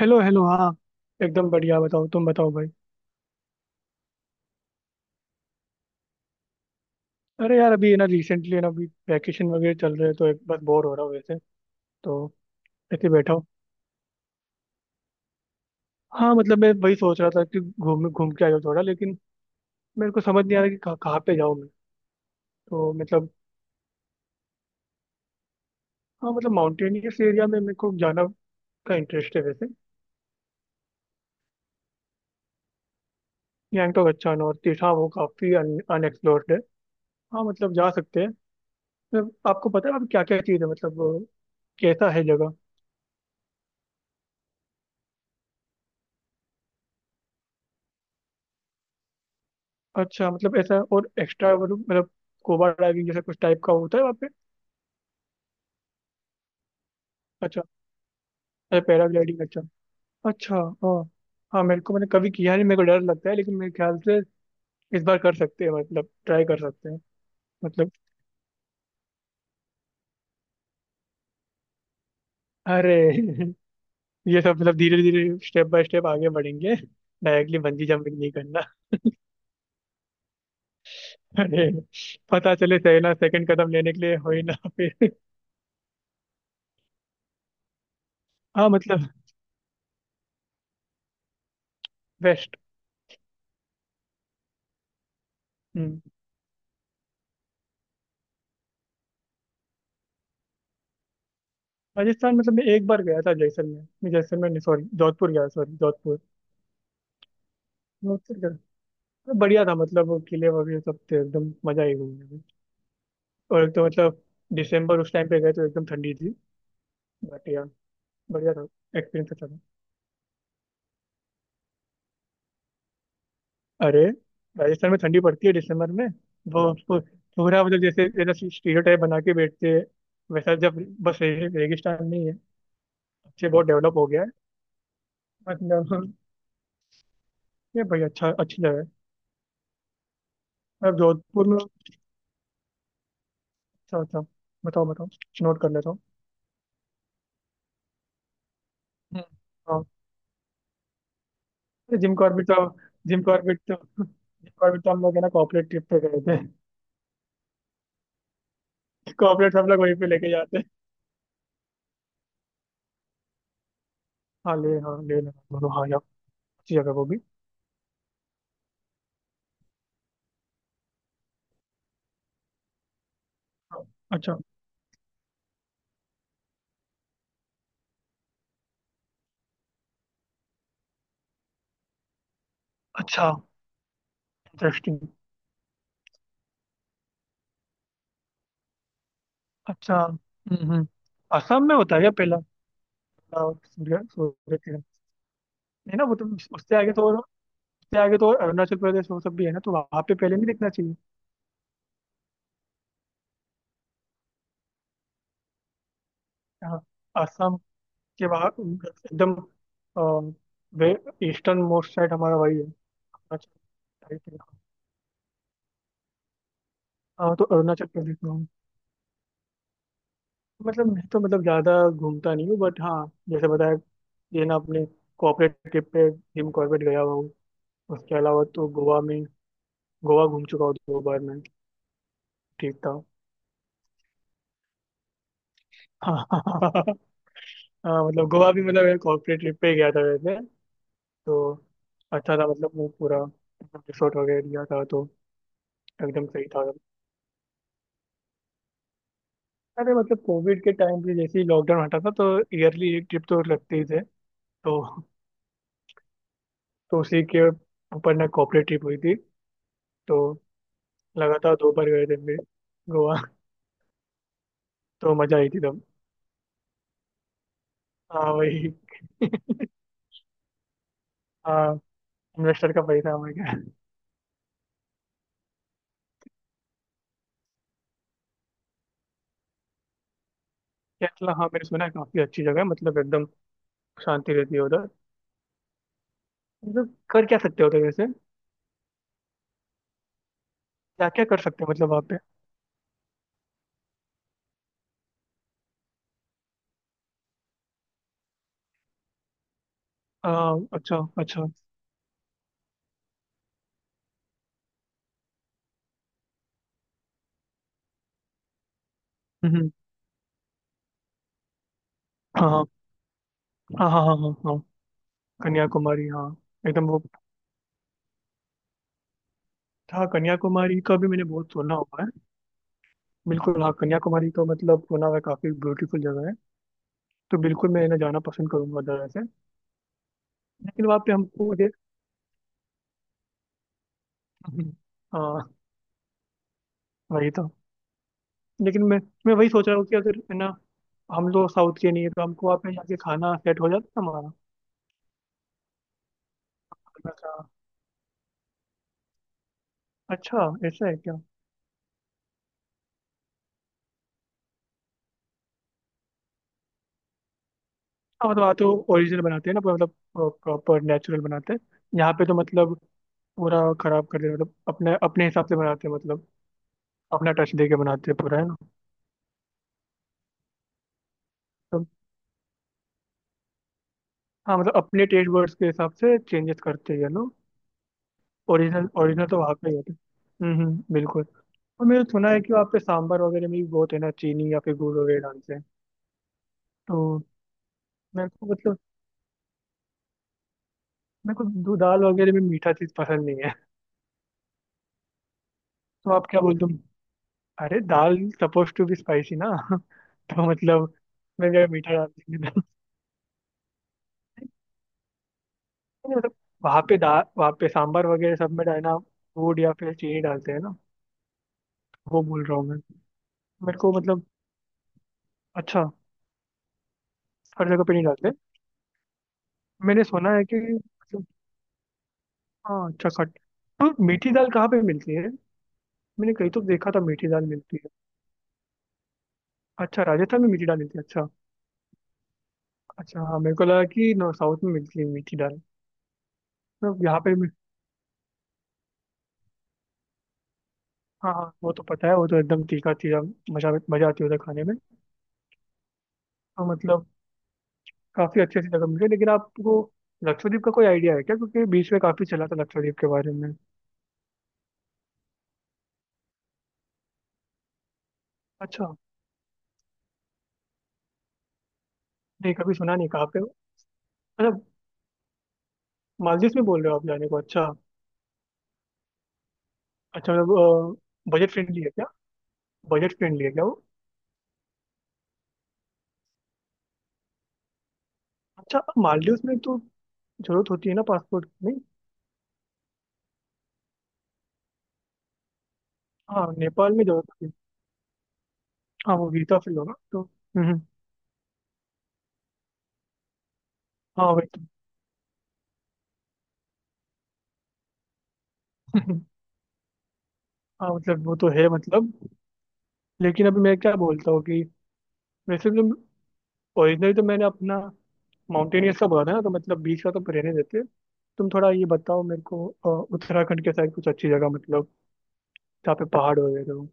Hello hello. हाँ एकदम बढ़िया, बताओ तुम बताओ भाई। अरे यार, अभी है ना रिसेंटली ना, अभी वैकेशन वगैरह चल रहे हैं तो एक बस बोर हो रहा हूँ वैसे। तो ऐसे बैठा हूँ। हाँ मतलब मैं वही सोच रहा था कि घूम घूम के आ जाऊँ थोड़ा, लेकिन मेरे को समझ नहीं आ रहा कि कहाँ कहाँ पे जाऊँ मैं। तो मतलब, हाँ मतलब माउंटेनियस एरिया में मेरे को जाना का इंटरेस्ट है वैसे। गैंगटॉक? अच्छा, नॉर्थ ईस्ट। हाँ वो काफ़ी अनएक्सप्लोर्ड है। हाँ मतलब जा सकते हैं। मतलब आपको पता है आप क्या क्या चीज़ है मतलब, कैसा है जगह। अच्छा मतलब ऐसा और एक्स्ट्रा मतलब, स्कूबा डाइविंग जैसा कुछ टाइप का होता है वहाँ पे? अच्छा। अच्छा पैराग्लाइडिंग, अच्छा। अच्छा। हाँ। हाँ मेरे को, मैंने कभी किया नहीं, मेरे को डर लगता है, लेकिन मेरे ख्याल से इस बार कर सकते हैं, मतलब ट्राई कर सकते हैं। मतलब अरे ये सब मतलब धीरे धीरे स्टेप बाय स्टेप आगे बढ़ेंगे। डायरेक्टली बंजी जंपिंग नहीं करना। अरे, पता चले सही ना, सेकंड कदम लेने के लिए हो ही ना फिर। हाँ मतलब बेस्ट। हम्म। राजस्थान, मतलब मैं एक बार गया था जैसलमेर, नहीं, जैसलमेर नहीं, सॉरी जोधपुर गया, सॉरी जोधपुर। नोटिस कर। बढ़िया था मतलब, वो किले वगैरह सब थे, एकदम मजा ही घूमने में। और एक तो मतलब दिसंबर उस टाइम पे गए तो एकदम ठंडी थी। बट यार बढ़िया था। एक्सपीरियंस अच्छा था। अरे, राजस्थान में ठंडी पड़ती है दिसंबर में। वो उसको पूरा मतलब जैसे जैसा स्टीरियोटाइप बना के बैठते हैं वैसा, जब बस रेगिस्तान नहीं है। अच्छे, बहुत डेवलप हो गया है, मतलब ये भाई, अच्छा, अच्छी जगह है। अब जोधपुर में। अच्छा अच्छा, बताओ बताओ, नोट कर लेता हूँ। हम्म। जिम कॉर्बेट तो, जिम कॉर्बेट तो, जिम कॉर्बेट तो हम लोग है ना कॉर्पोरेट ट्रिप पे गए थे। कॉर्पोरेट हम लोग वहीं पे लेके जाते हैं। हाँ ले, हाँ ले लेना बोलो, हाँ यार, अच्छी जगह वो भी। हाँ, अच्छा। अच्छा। इंटरेस्टिंग। अच्छा। हम्म। असम में होता है क्या पहला? पहला सूर्य सूर्य किरण? नहीं ना, वो तो उससे आगे तो, उससे आगे तो अरुणाचल प्रदेश वो सब भी है ना, तो वहाँ पे पहले नहीं दिखना चाहिए। हाँ। असम के बाहर एकदम, वे ईस्टर्न मोस्ट साइड हमारा वही है, अरुणाचल। हाँ तो अरुणाचल प्रदेश में हूँ। मतलब मैं तो मतलब ज़्यादा घूमता नहीं हूँ, बट हाँ जैसे बताया, ये ना अपने कॉर्पोरेट ट्रिप पे जिम कॉर्बेट गया हुआ हूँ। उसके अलावा तो गोवा में, गोवा घूम चुका हूँ दो बार मैं। ठीक था। हाँ हाँ, मतलब गोवा भी मतलब कॉर्पोरेट ट्रिप पे ही गया था वैसे। तो अच्छा था, मतलब वो पूरा रिसोर्ट वगैरह लिया था, तो एकदम सही था। अरे मतलब कोविड के टाइम पे जैसे ही लॉकडाउन हटा था तो ईयरली एक ट्रिप तो लगते ही थे। तो तो उसी के ऊपर ना कॉर्पोरेट ट्रिप हुई थी, तो लगातार दो बार गए थे हम भी गोवा। तो मजा आई थी तब। हाँ वही। हाँ, इन्वेस्टर का पैसा हमें क्या। केरला, हाँ मैंने सुना है काफी अच्छी जगह है, मतलब एकदम शांति रहती है उधर। मतलब कर क्या सकते हो उधर वैसे, क्या क्या कर सकते हैं मतलब वहाँ पे? आ, अच्छा अच्छा। हम्म, हाँ हाँ हाँ हाँ हाँ हाँ, हाँ कन्याकुमारी, हाँ। एकदम वो। हाँ कन्याकुमारी का भी मैंने बहुत सुना हुआ है। बिल्कुल हाँ, कन्याकुमारी तो मतलब सुना हुआ है, काफी ब्यूटीफुल जगह है। तो बिल्कुल मैं ना जाना पसंद करूंगा उधर वैसे। लेकिन वहाँ पे हमको मुझे, हम्म, हाँ वही तो। लेकिन मैं वही सोच रहा हूँ कि अगर है ना, हम लोग साउथ के नहीं है तो हमको वहाँ पे जाके खाना सेट हो जाता हमारा खाना का। अच्छा ऐसा है क्या। हाँ मतलब वहाँ तो ओरिजिनल बनाते हैं ना, पूरा मतलब प्रॉपर नेचुरल बनाते हैं। यहाँ पे तो मतलब पूरा खराब कर देते हैं, मतलब अपने अपने हिसाब से बनाते हैं, मतलब अपना टच दे के बनाते हैं पूरा है ना। तो हाँ मतलब अपने टेस्ट बर्ड्स के हिसाब से चेंजेस करते हैं ना। ओरिजिनल ओरिजिनल तो वहाँ पे ही होते हैं। बिल्कुल। और मैंने सुना है कि वहाँ पे सांभर वगैरह में भी बहुत है ना चीनी या फिर गुड़ वगैरह डालते हैं, तो मेरे को मतलब, मेरे को दो दाल वगैरह में मीठा चीज पसंद नहीं है। तो आप क्या बोलते हो, अरे दाल सपोज टू बी स्पाइसी ना। तो मतलब मैं क्या मीठा डाल देंगे दाल। नहीं, मतलब वहाँ पे दाल, वहाँ पे सांभर वगैरह सब में डालना गुड़ या फिर चीनी डालते हैं ना, वो बोल रहा हूँ मैं। मेरे को मतलब, अच्छा। हर जगह पे नहीं डालते। मैंने सुना है कि मतलब, हाँ अच्छा, खट, तो मीठी दाल कहाँ पे मिलती है? मैंने कहीं तो देखा था मीठी दाल मिलती है। अच्छा राजस्थान में मीठी दाल मिलती है, अच्छा। अच्छा हाँ, मेरे को लगा कि नो साउथ में मिलती है मीठी दाल। तो यहाँ पे भी। हाँ हाँ, वो तो पता है, वो तो एकदम तीखा तीखा, मजा मजा आती है उधर खाने में। तो मतलब काफी अच्छी अच्छी जगह मिल गई, लेकिन आपको लक्षद्वीप का कोई आइडिया है क्या, क्योंकि बीच में काफी चला था लक्षद्वीप के बारे में। अच्छा। नहीं कभी सुना नहीं, कहाँ पे हो? अच्छा मालदीव में बोल रहे हो आप जाने को, अच्छा। अच्छा मतलब बजट फ्रेंडली है क्या? बजट फ्रेंडली है क्या वो? अच्छा मालदीव में तो जरूरत होती है ना पासपोर्ट, नहीं? हाँ नेपाल में जरूरत होती है। हाँ वो वीजा फ्री होगा तो हम्म। हाँ वही तो। हाँ मतलब वो तो है मतलब। लेकिन अभी मैं क्या बोलता हूँ कि, वैसे तुम, ओरिजिनल तो मैंने अपना माउंटेनियर्स का बोला था ना, तो मतलब बीच का तो रहने देते। तुम थोड़ा ये बताओ मेरे को, उत्तराखंड के साइड कुछ अच्छी जगह, मतलब जहाँ पे पहाड़ वगैरह हो।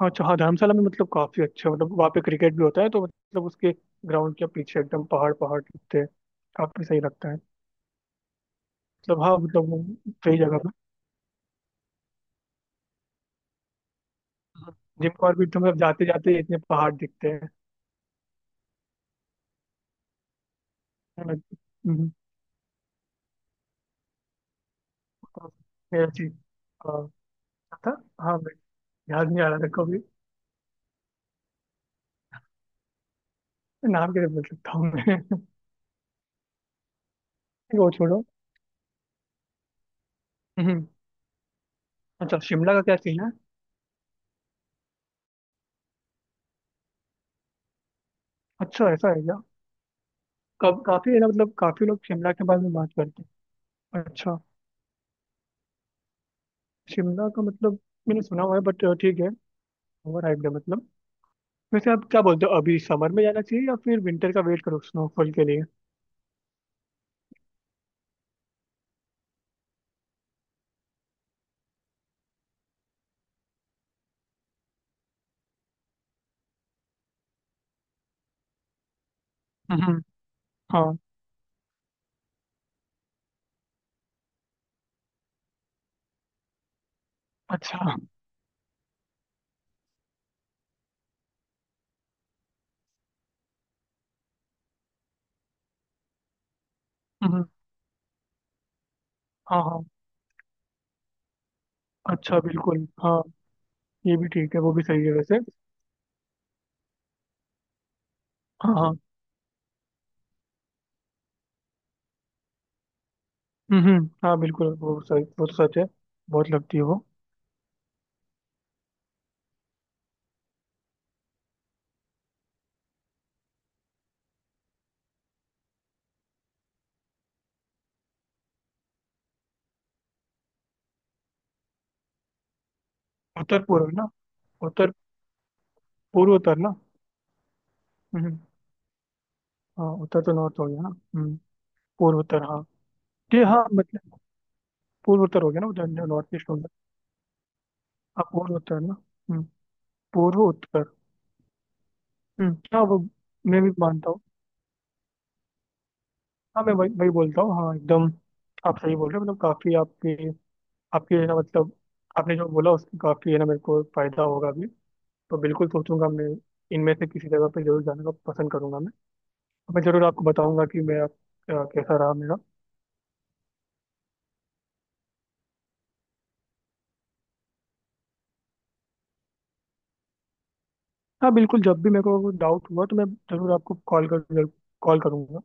हाँ अच्छा, हाँ धर्मशाला में मतलब काफी अच्छा, मतलब वहाँ पे क्रिकेट भी होता है तो मतलब उसके ग्राउंड के पीछे एकदम पहाड़ पहाड़ दिखते हैं, काफी सही लगता है। मतलब हाँ मतलब वो सही जगह पे। जिम कॉर्बेट तो मतलब जाते जाते इतने पहाड़ दिखते हैं। है ना? हम्म, मेरा चीज। हाँ, हाँ मैं याद नहीं आ रहा था कभी, नाम कैसे बोल सकता हूँ मैं। वो छोड़ो। हम्म, अच्छा, शिमला का क्या सीन है। अच्छा ऐसा है क्या। कब, काफी है ना, मतलब काफी लोग शिमला के बारे में बात करते हैं। अच्छा, शिमला का मतलब मैंने सुना हुआ है, बट ठीक है, ओवर हाइप्ड है मतलब। वैसे आप क्या बोलते हो, अभी समर में जाना चाहिए या फिर विंटर का वेट करो स्नोफॉल के लिए? हम्म, हाँ। अच्छा। हम्म, हाँ हाँ। अच्छा बिल्कुल हाँ। ये भी ठीक है वो भी सही है वैसे। हाँ हाँ। हाँ बिल्कुल वो सही, वो तो सच है। बहुत लगती है वो। उत्तर पूर्व ना, उत्तर, पूर्व उत्तर ना। हम्म। हाँ उत्तर तो नॉर्थ हो गया ना, हम्म। पूर्व उत्तर, हाँ। ये हाँ मतलब पूर्व उत्तर हो गया ना उधर, नॉर्थ ईस्ट हो गया। हाँ पूर्व उत्तर ना। हम्म। पूर्व उत्तर। हम्म, हाँ वो। मैं भी मानता हूँ। हाँ मैं वही वही बोलता हूँ, हाँ एकदम। आप सही बोल रहे हो, मतलब काफी आपके, है ना मतलब, आपने जो बोला उसकी काफी है ना मेरे को फायदा होगा अभी। तो बिल्कुल सोचूंगा मैं, इनमें से किसी जगह पे जरूर जाने का पसंद करूंगा मैं। और मैं जरूर आपको बताऊंगा कि मैं आप, कैसा रहा मेरा। हाँ बिल्कुल, जब भी मेरे को डाउट हुआ तो मैं जरूर आपको कॉल करूंगा।